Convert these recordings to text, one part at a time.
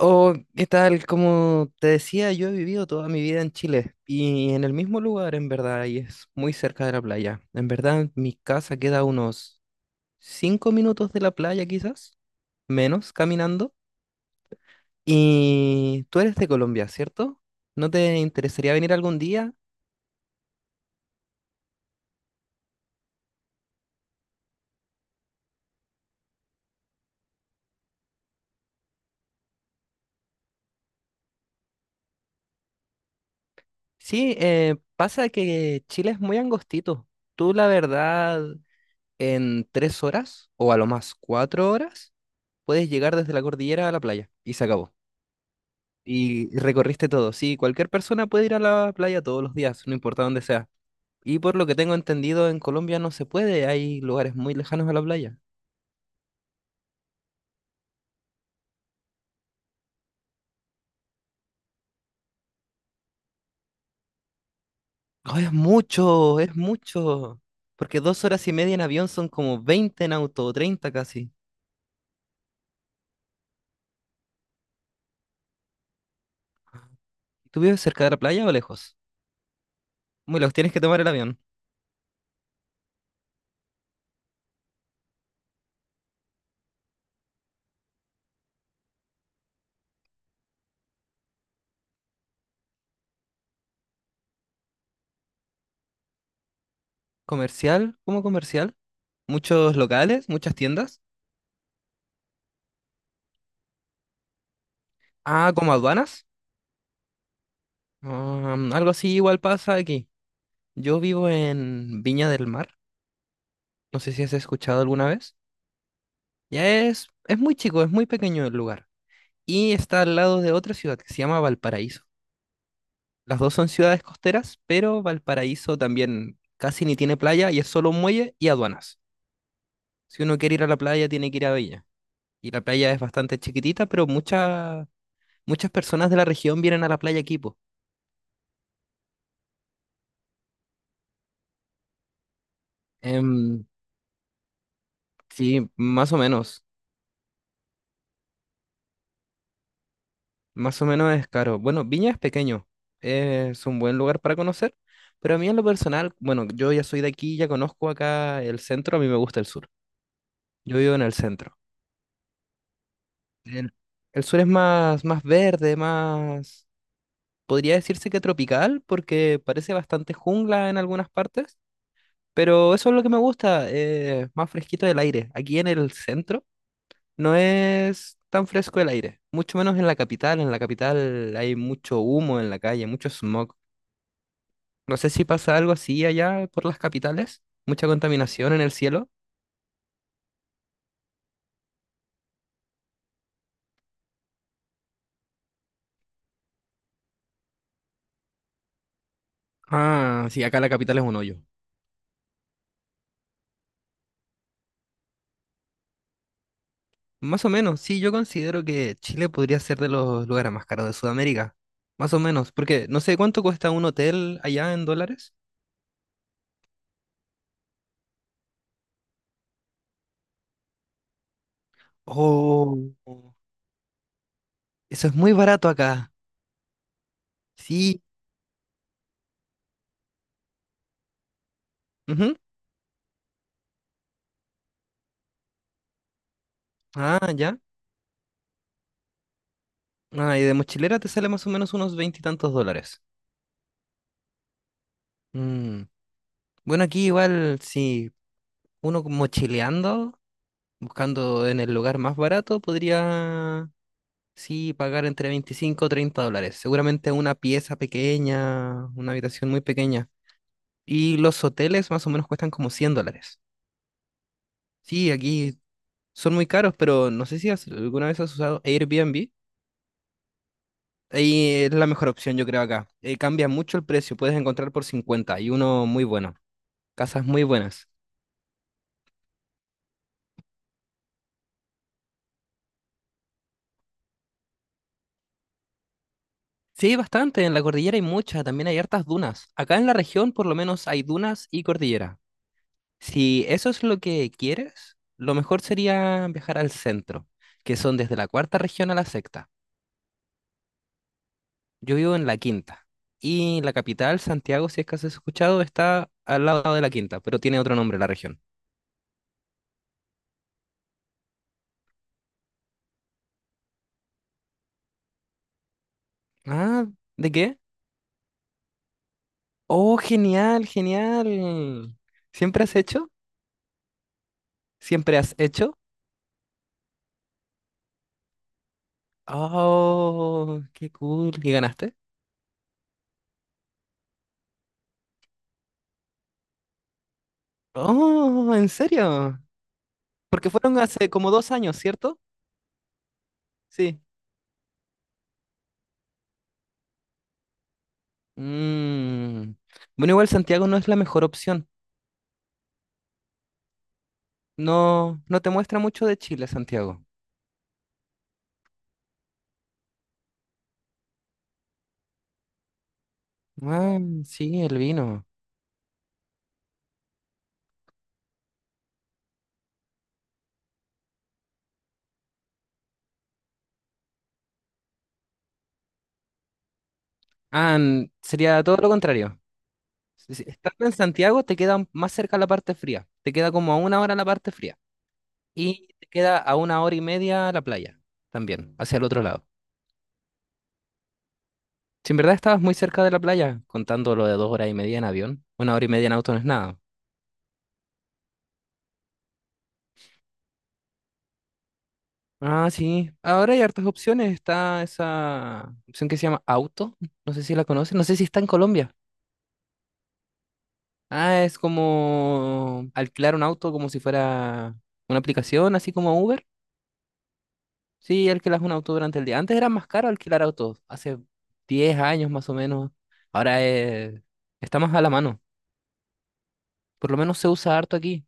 Oh, ¿qué tal? Como te decía, yo he vivido toda mi vida en Chile y en el mismo lugar, en verdad, y es muy cerca de la playa. En verdad, mi casa queda a unos 5 minutos de la playa, quizás, menos caminando. Y tú eres de Colombia, ¿cierto? ¿No te interesaría venir algún día? Sí, pasa que Chile es muy angostito. Tú, la verdad, en 3 horas o a lo más 4 horas, puedes llegar desde la cordillera a la playa y se acabó. Y recorriste todo. Sí, cualquier persona puede ir a la playa todos los días, no importa dónde sea. Y por lo que tengo entendido, en Colombia no se puede, hay lugares muy lejanos a la playa. ¡Oh, es mucho, es mucho! Porque 2 horas y media en avión son como 20 en auto, o 30 casi. ¿Tú vives cerca de la playa o lejos? Muy lejos, tienes que tomar el avión. ¿Comercial? ¿Cómo comercial? ¿Muchos locales? ¿Muchas tiendas? Ah, ¿como aduanas? Ah, algo así igual pasa aquí. Yo vivo en Viña del Mar. No sé si has escuchado alguna vez. Ya es muy chico, es muy pequeño el lugar. Y está al lado de otra ciudad que se llama Valparaíso. Las dos son ciudades costeras, pero Valparaíso también casi ni tiene playa y es solo un muelle y aduanas. Si uno quiere ir a la playa, tiene que ir a Bella. Y la playa es bastante chiquitita, pero muchas personas de la región vienen a la playa aquí, po. Em, sí, más o menos. Más o menos es caro. Bueno, Viña es pequeño, es un buen lugar para conocer, pero a mí en lo personal, bueno, yo ya soy de aquí, ya conozco acá el centro, a mí me gusta el sur. Yo vivo en el centro. El, el sur es más, más verde, más, podría decirse que tropical, porque parece bastante jungla en algunas partes, pero eso es lo que me gusta, más fresquito el aire. Aquí en el centro no es tan fresco el aire, mucho menos en la capital. En la capital hay mucho humo en la calle, mucho smog. No sé si pasa algo así allá por las capitales. Mucha contaminación en el cielo. Ah, sí, acá la capital es un hoyo. Más o menos, sí, yo considero que Chile podría ser de los lugares más caros de Sudamérica. Más o menos, porque no sé cuánto cuesta un hotel allá en dólares. Oh, eso es muy barato acá. Sí. Ujú. Ah, ya. Ah, y de mochilera te sale más o menos unos veintitantos dólares. Mm. Bueno, aquí igual, si uno mochileando buscando en el lugar más barato, podría, sí, pagar entre 25 o 30 dólares. Seguramente una pieza pequeña, una habitación muy pequeña. Y los hoteles más o menos cuestan como 100 dólares. Sí, aquí son muy caros, pero no sé si alguna vez has usado Airbnb. Ahí es la mejor opción, yo creo, acá. Cambia mucho el precio, puedes encontrar por 51 muy bueno. Casas muy buenas. Sí, bastante, en la cordillera hay muchas, también hay hartas dunas. Acá en la región por lo menos hay dunas y cordillera. Si eso es lo que quieres, lo mejor sería viajar al centro, que son desde la cuarta región a la sexta. Yo vivo en la quinta. Y la capital, Santiago, si es que has escuchado, está al lado de la quinta, pero tiene otro nombre la región. Ah, ¿de qué? Oh, genial, genial. ¿Siempre has hecho? ¿Siempre has hecho? Oh, qué cool. ¿Y ganaste? Oh, ¿en serio? Porque fueron hace como 2 años, ¿cierto? Sí. Mm. Bueno, igual Santiago no es la mejor opción. No, no te muestra mucho de Chile, Santiago. Ah, sí, el vino. Ah, sería todo lo contrario. Si- si Estando en Santiago te queda más cerca la parte fría. Te queda como a 1 hora la parte fría. Y te queda a 1 hora y media la playa también, hacia el otro lado. Si en verdad estabas muy cerca de la playa, contando lo de 2 horas y media en avión, 1 hora y media en auto no es nada. Ah, sí. Ahora hay hartas opciones. Está esa opción que se llama Auto. No sé si la conocen. No sé si está en Colombia. Ah, es como alquilar un auto como si fuera una aplicación, así como Uber. Sí, alquilas un auto durante el día. Antes era más caro alquilar autos. Hace 10 años más o menos. Ahora está más a la mano. Por lo menos se usa harto aquí.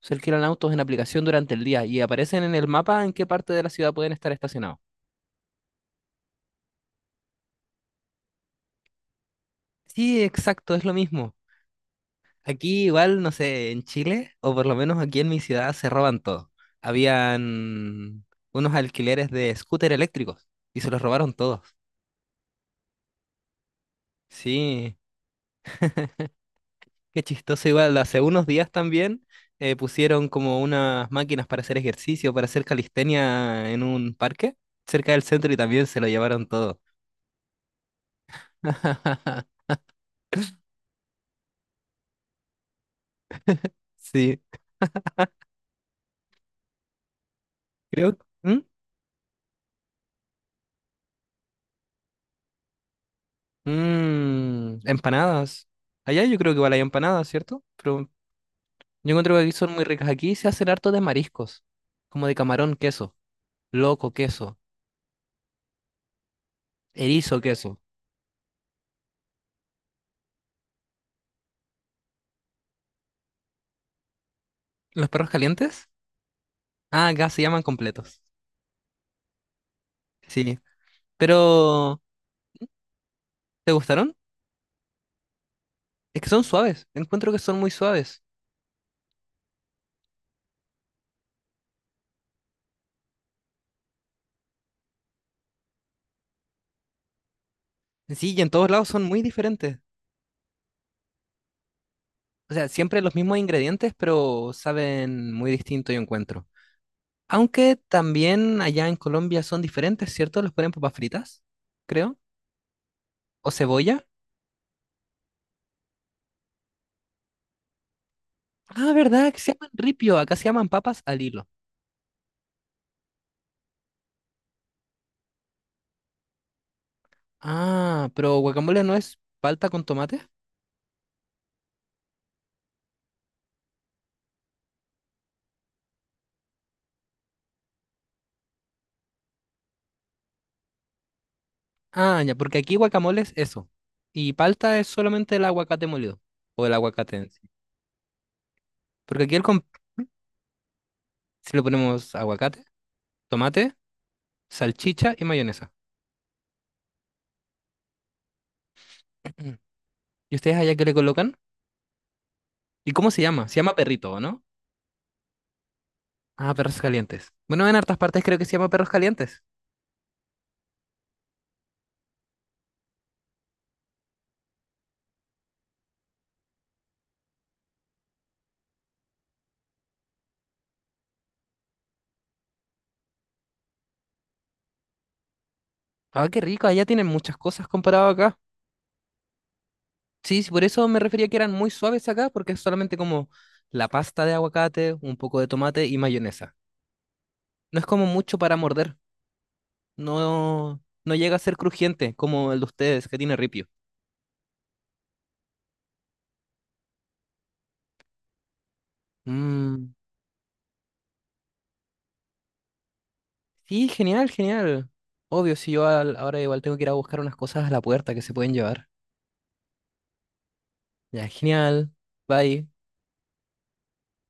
Se alquilan autos en aplicación durante el día y aparecen en el mapa en qué parte de la ciudad pueden estar estacionados. Sí, exacto, es lo mismo. Aquí igual, no sé, en Chile, o por lo menos aquí en mi ciudad, se roban todo. Habían unos alquileres de scooter eléctricos y se los robaron todos. Sí, qué chistoso igual. Hace unos días también pusieron como unas máquinas para hacer ejercicio, para hacer calistenia en un parque cerca del centro y también se lo llevaron todo. Sí, creo. ¿Mm? Mm, empanadas. Allá yo creo que igual hay empanadas, ¿cierto? Pero. Yo encuentro que aquí son muy ricas. Aquí se hacen harto de mariscos, como de camarón, queso, loco, queso, erizo, queso. ¿Los perros calientes? Ah, acá se llaman completos. Sí. Pero, ¿te gustaron? Es que son suaves. Encuentro que son muy suaves. Sí, y en todos lados son muy diferentes. O sea, siempre los mismos ingredientes, pero saben muy distinto, yo encuentro. Aunque también allá en Colombia son diferentes, ¿cierto? Los ponen papas fritas, creo. O cebolla. Ah, ¿verdad? Que se llaman ripio. Acá se llaman papas al hilo. Ah, pero guacamole no es palta con tomate. Ah, ya, porque aquí guacamole es eso. Y palta es solamente el aguacate molido. O el aguacate en sí. Porque aquí el si le ponemos aguacate, tomate, salchicha y mayonesa. ¿Y ustedes allá qué le colocan? ¿Y cómo se llama? Se llama perrito, ¿o no? Ah, perros calientes. Bueno, en hartas partes creo que se llama perros calientes. Ah, qué rico, allá tienen muchas cosas comparado acá. Sí, sí, por eso me refería que eran muy suaves acá, porque es solamente como la pasta de aguacate, un poco de tomate y mayonesa. No es como mucho para morder. No, no llega a ser crujiente como el de ustedes, que tiene ripio. Mm, sí, genial, genial. Obvio, si yo ahora igual tengo que ir a buscar unas cosas a la puerta que se pueden llevar. Ya, genial. Bye.